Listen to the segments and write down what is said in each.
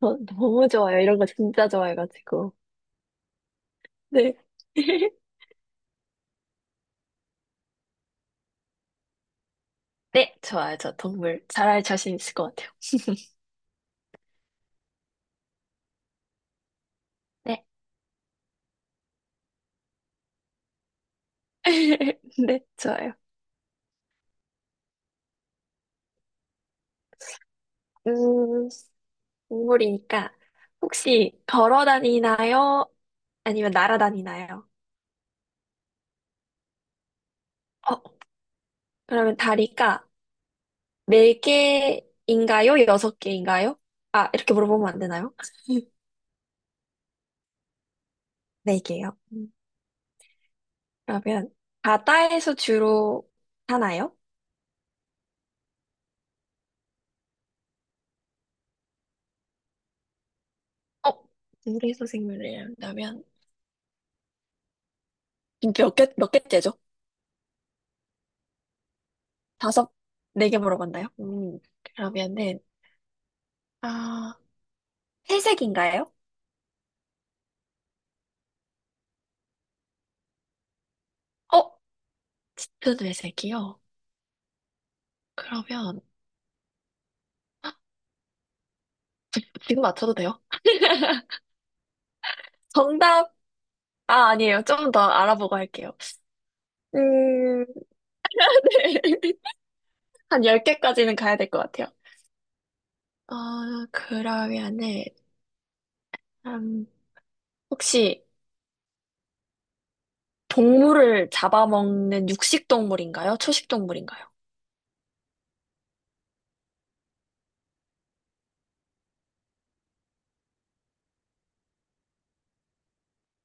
저 너무 좋아요. 이런 거 진짜 좋아해가지고. 네. 네, 좋아요. 저 동물 잘할 자신 있을 것 같아요. 네. 네, 좋아요. 음, 동물이니까 혹시 걸어 다니나요? 아니면 날아다니나요? 어, 그러면 다리가 네 개인가요? 여섯 개인가요? 아, 이렇게 물어보면 안 되나요? 네 개요. 그러면 바다에서 주로 사나요? 어, 물에서 생물을 한다면 몇 개째죠? 다섯, 네 개 물어봤나요? 그러면은, 아, 회색인가요? 어? 저도 회색이요? 그러면, 지금 맞춰도 돼요? 정답! 아, 아니에요. 좀 더 알아보고 할게요. 음, 네. 한 열 개까지는 가야 될 것 같아요. 그러면은, 음, 혹시 동물을 잡아먹는 육식 동물인가요? 초식 동물인가요?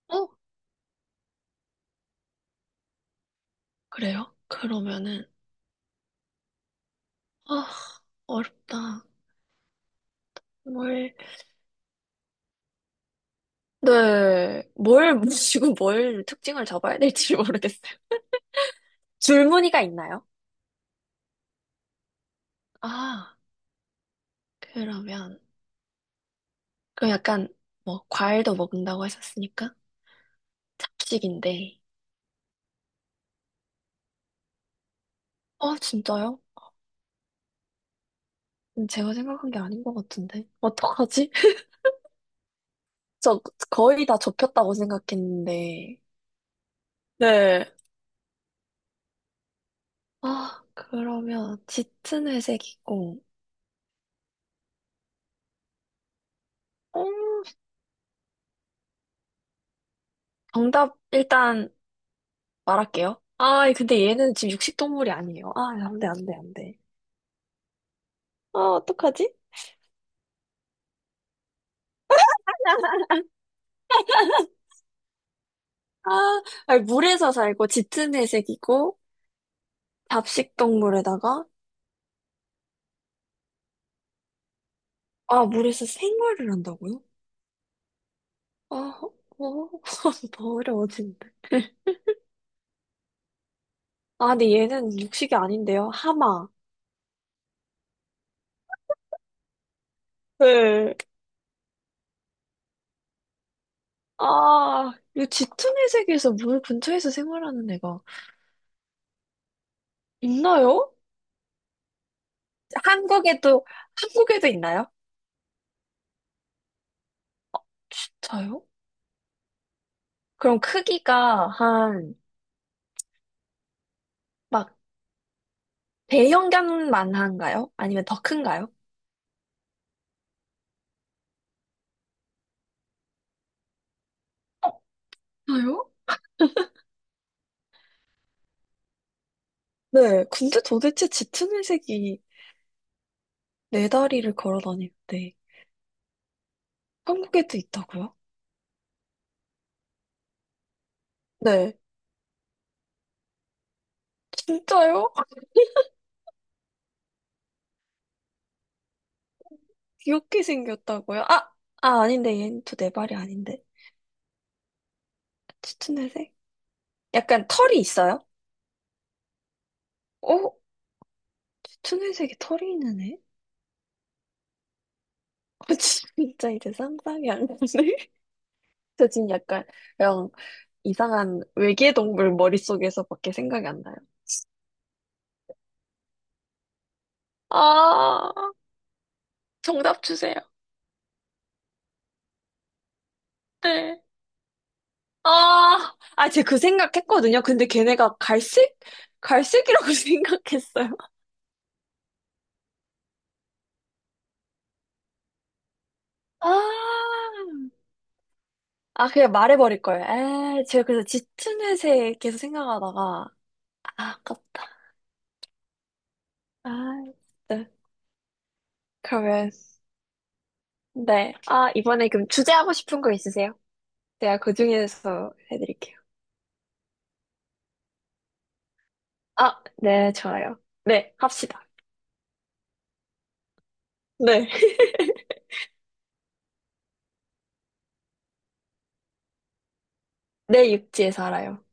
어? 그래요? 그러면은, 아, 어렵다. 뭘, 네, 뭘 모시고 뭘 특징을 잡아야 될지 모르겠어요. 줄무늬가 있나요? 아, 그러면, 그럼 약간, 뭐, 과일도 먹는다고 하셨으니까? 잡식인데. 아, 진짜요? 제가 생각한 게 아닌 것 같은데. 어떡하지? 저 거의 다 좁혔다고 생각했는데. 네. 아, 그러면, 짙은 회색이고. 어, 정답, 일단, 말할게요. 아, 근데 얘는 지금 육식동물이 아니에요. 아, 안 돼, 안 돼, 안 돼. 아, 어떡하지? 아, 아니, 물에서 살고 짙은 회색이고 잡식 동물에다가 아, 물에서 생활을 한다고요? 아, 어, 더 어려워지는데. 아, 근데 얘는 육식이 아닌데요. 하마. 네. 아, 이 짙은 회색에서 물 근처에서 생활하는 애가 있나요? 한국에도, 한국에도 있나요? 진짜요? 그럼 크기가 한, 막, 대형견만한가요? 아니면 더 큰가요? 없어요? 네, 근데 도대체 짙은 회색이 네 다리를 걸어 다니는데 한국에도 있다고요? 네, 진짜요? 귀엽게 생겼다고요? 아, 아 아닌데 얘는 또 네 발이 아닌데 짙은 회색? 약간 털이 있어요? 어? 짙은 회색에 털이 있는 애? 아, 진짜 이제 상상이 안 가네. 저 지금 약간 그냥 이상한 외계 동물 머릿속에서밖에 생각이 안 나요. 아, 정답 주세요. 네. 아, 아, 제가 그 생각했거든요. 근데 걔네가 갈색? 갈색이라고 생각했어요. 아, 아, 그냥 말해버릴 걸. 제가 그래서 짙은 회색 계속 생각하다가, 아, 아깝다. 아, 진짜. 그러면, 네. 아, 이번에 그럼 주제하고 싶은 거 있으세요? 제가 그 중에서 해드릴게요. 아, 네, 좋아요. 네, 합시다. 네. 내 육지에 살아요.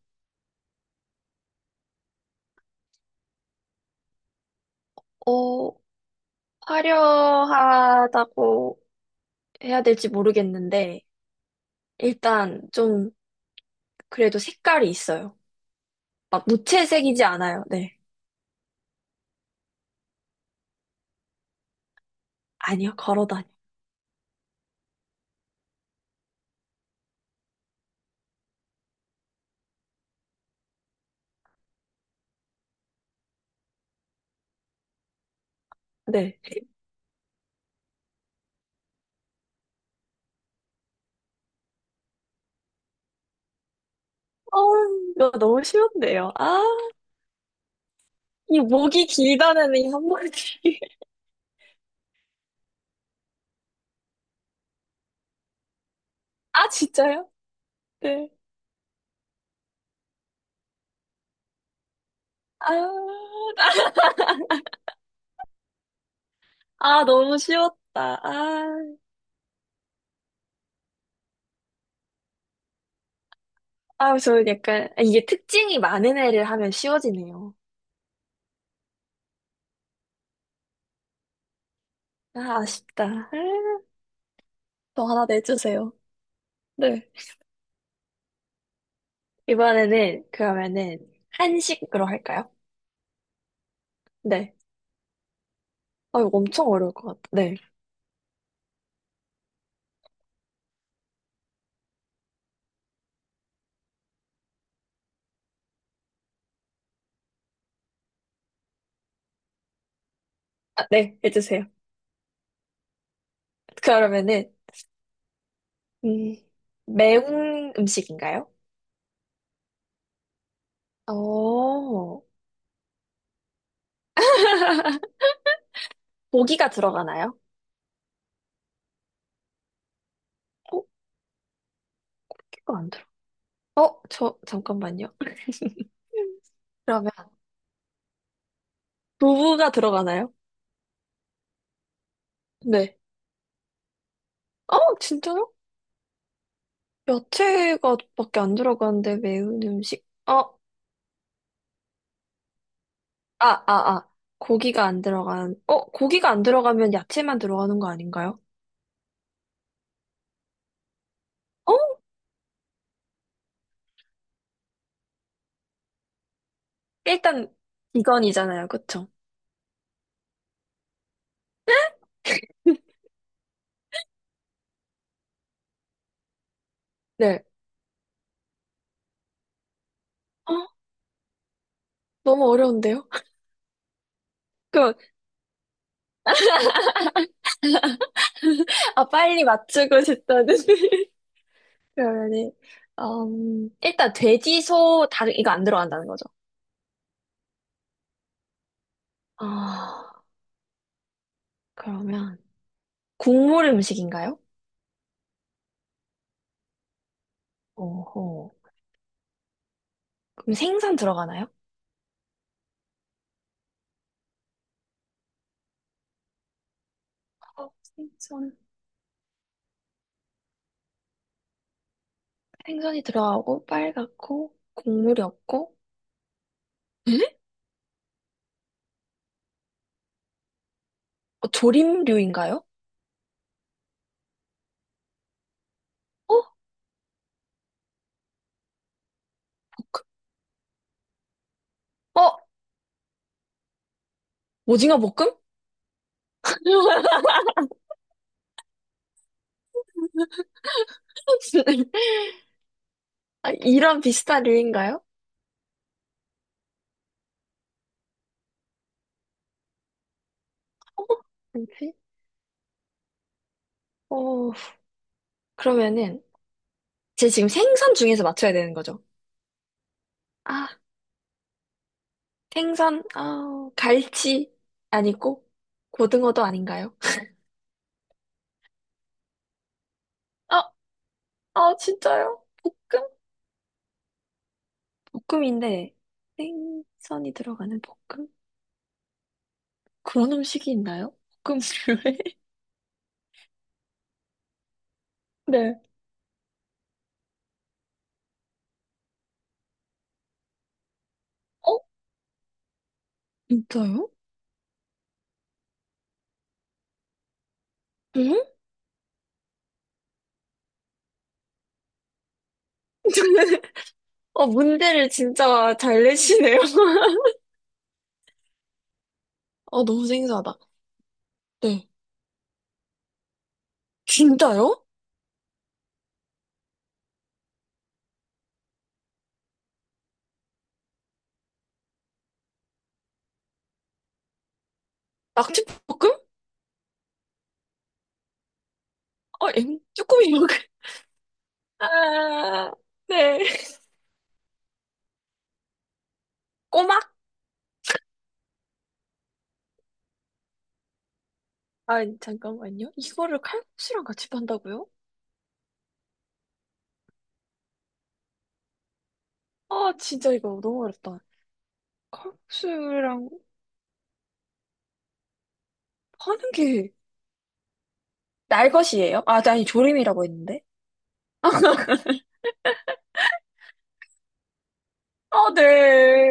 어, 화려하다고 해야 될지 모르겠는데, 일단 좀 그래도 색깔이 있어요. 막 무채색이지 않아요. 네. 아니요, 걸어다녀. 네. 어, 이거 너무 쉬운데요. 아, 이 목이 길다는 이 한마디. 아, 진짜요? 네. 아, 아, 너무 쉬웠다. 아, 아, 저는 약간, 이게 특징이 많은 애를 하면 쉬워지네요. 아, 아쉽다. 아, 더 하나 내주세요. 네. 이번에는, 그러면은, 한식으로 할까요? 네. 아, 이거 엄청 어려울 것 같아. 네. 아, 네, 해주세요. 그러면은, 음, 매운 음식인가요? 어, 고기가 들어가나요? 고기가 안 들어. 저, 잠깐만요. 그러면, 두부가 들어가나요? 네. 진짜요? 야채가 밖에 안 들어가는데 매운 음식? 아, 아, 아. 고기가 안 들어가면 야채만 들어가는 거 아닌가요? 어? 일단, 비건이잖아요. 그쵸? 네. 너무 어려운데요? 그럼 아, 빨리 맞추고 싶다는. 그러면은, 일단 돼지, 소, 닭, 이거 안 들어간다는 거죠. 아, 그러면, 국물 음식인가요? 오호. 그럼 생선 들어가나요? 어, 생선. 생선이 들어가고, 빨갛고, 국물이 없고, 에? 조림류인가요? 어? 어? 오징어 볶음? 아, 이런 비슷한 류인가요? 어? 뭐지? 어, 그러면은, 제 지금 생선 중에서 맞춰야 되는 거죠? 아, 갈치 아니고 고등어도 아닌가요? 아, 아, 진짜요? 볶음? 볶음인데 생선이 들어가는 볶음? 그런 음식이 있나요? 볶음 류에? 네. 어? 진짜요? 응? 문제를 진짜 잘 내시네요. 너무 생소하다. 네. 진짜요? 낙지볶음? 쭈꾸미 볶음. 아, 네. 꼬막? 아, 잠깐만요. 이거를 칼국수랑 같이 판다고요? 아, 진짜 이거 너무 어렵다. 칼국수랑 하는 게 날것이에요? 아, 아니, 조림이라고 했는데. 아 네.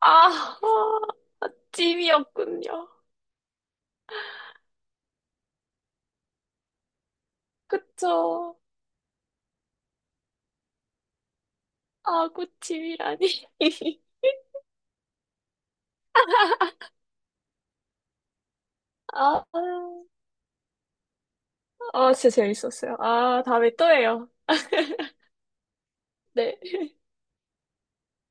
아, 아, 찜이었군요. 그쵸. 아, 구찜이라니 아, 아, 아, 진짜 재밌었어요. 아, 다음에 또 해요. 네.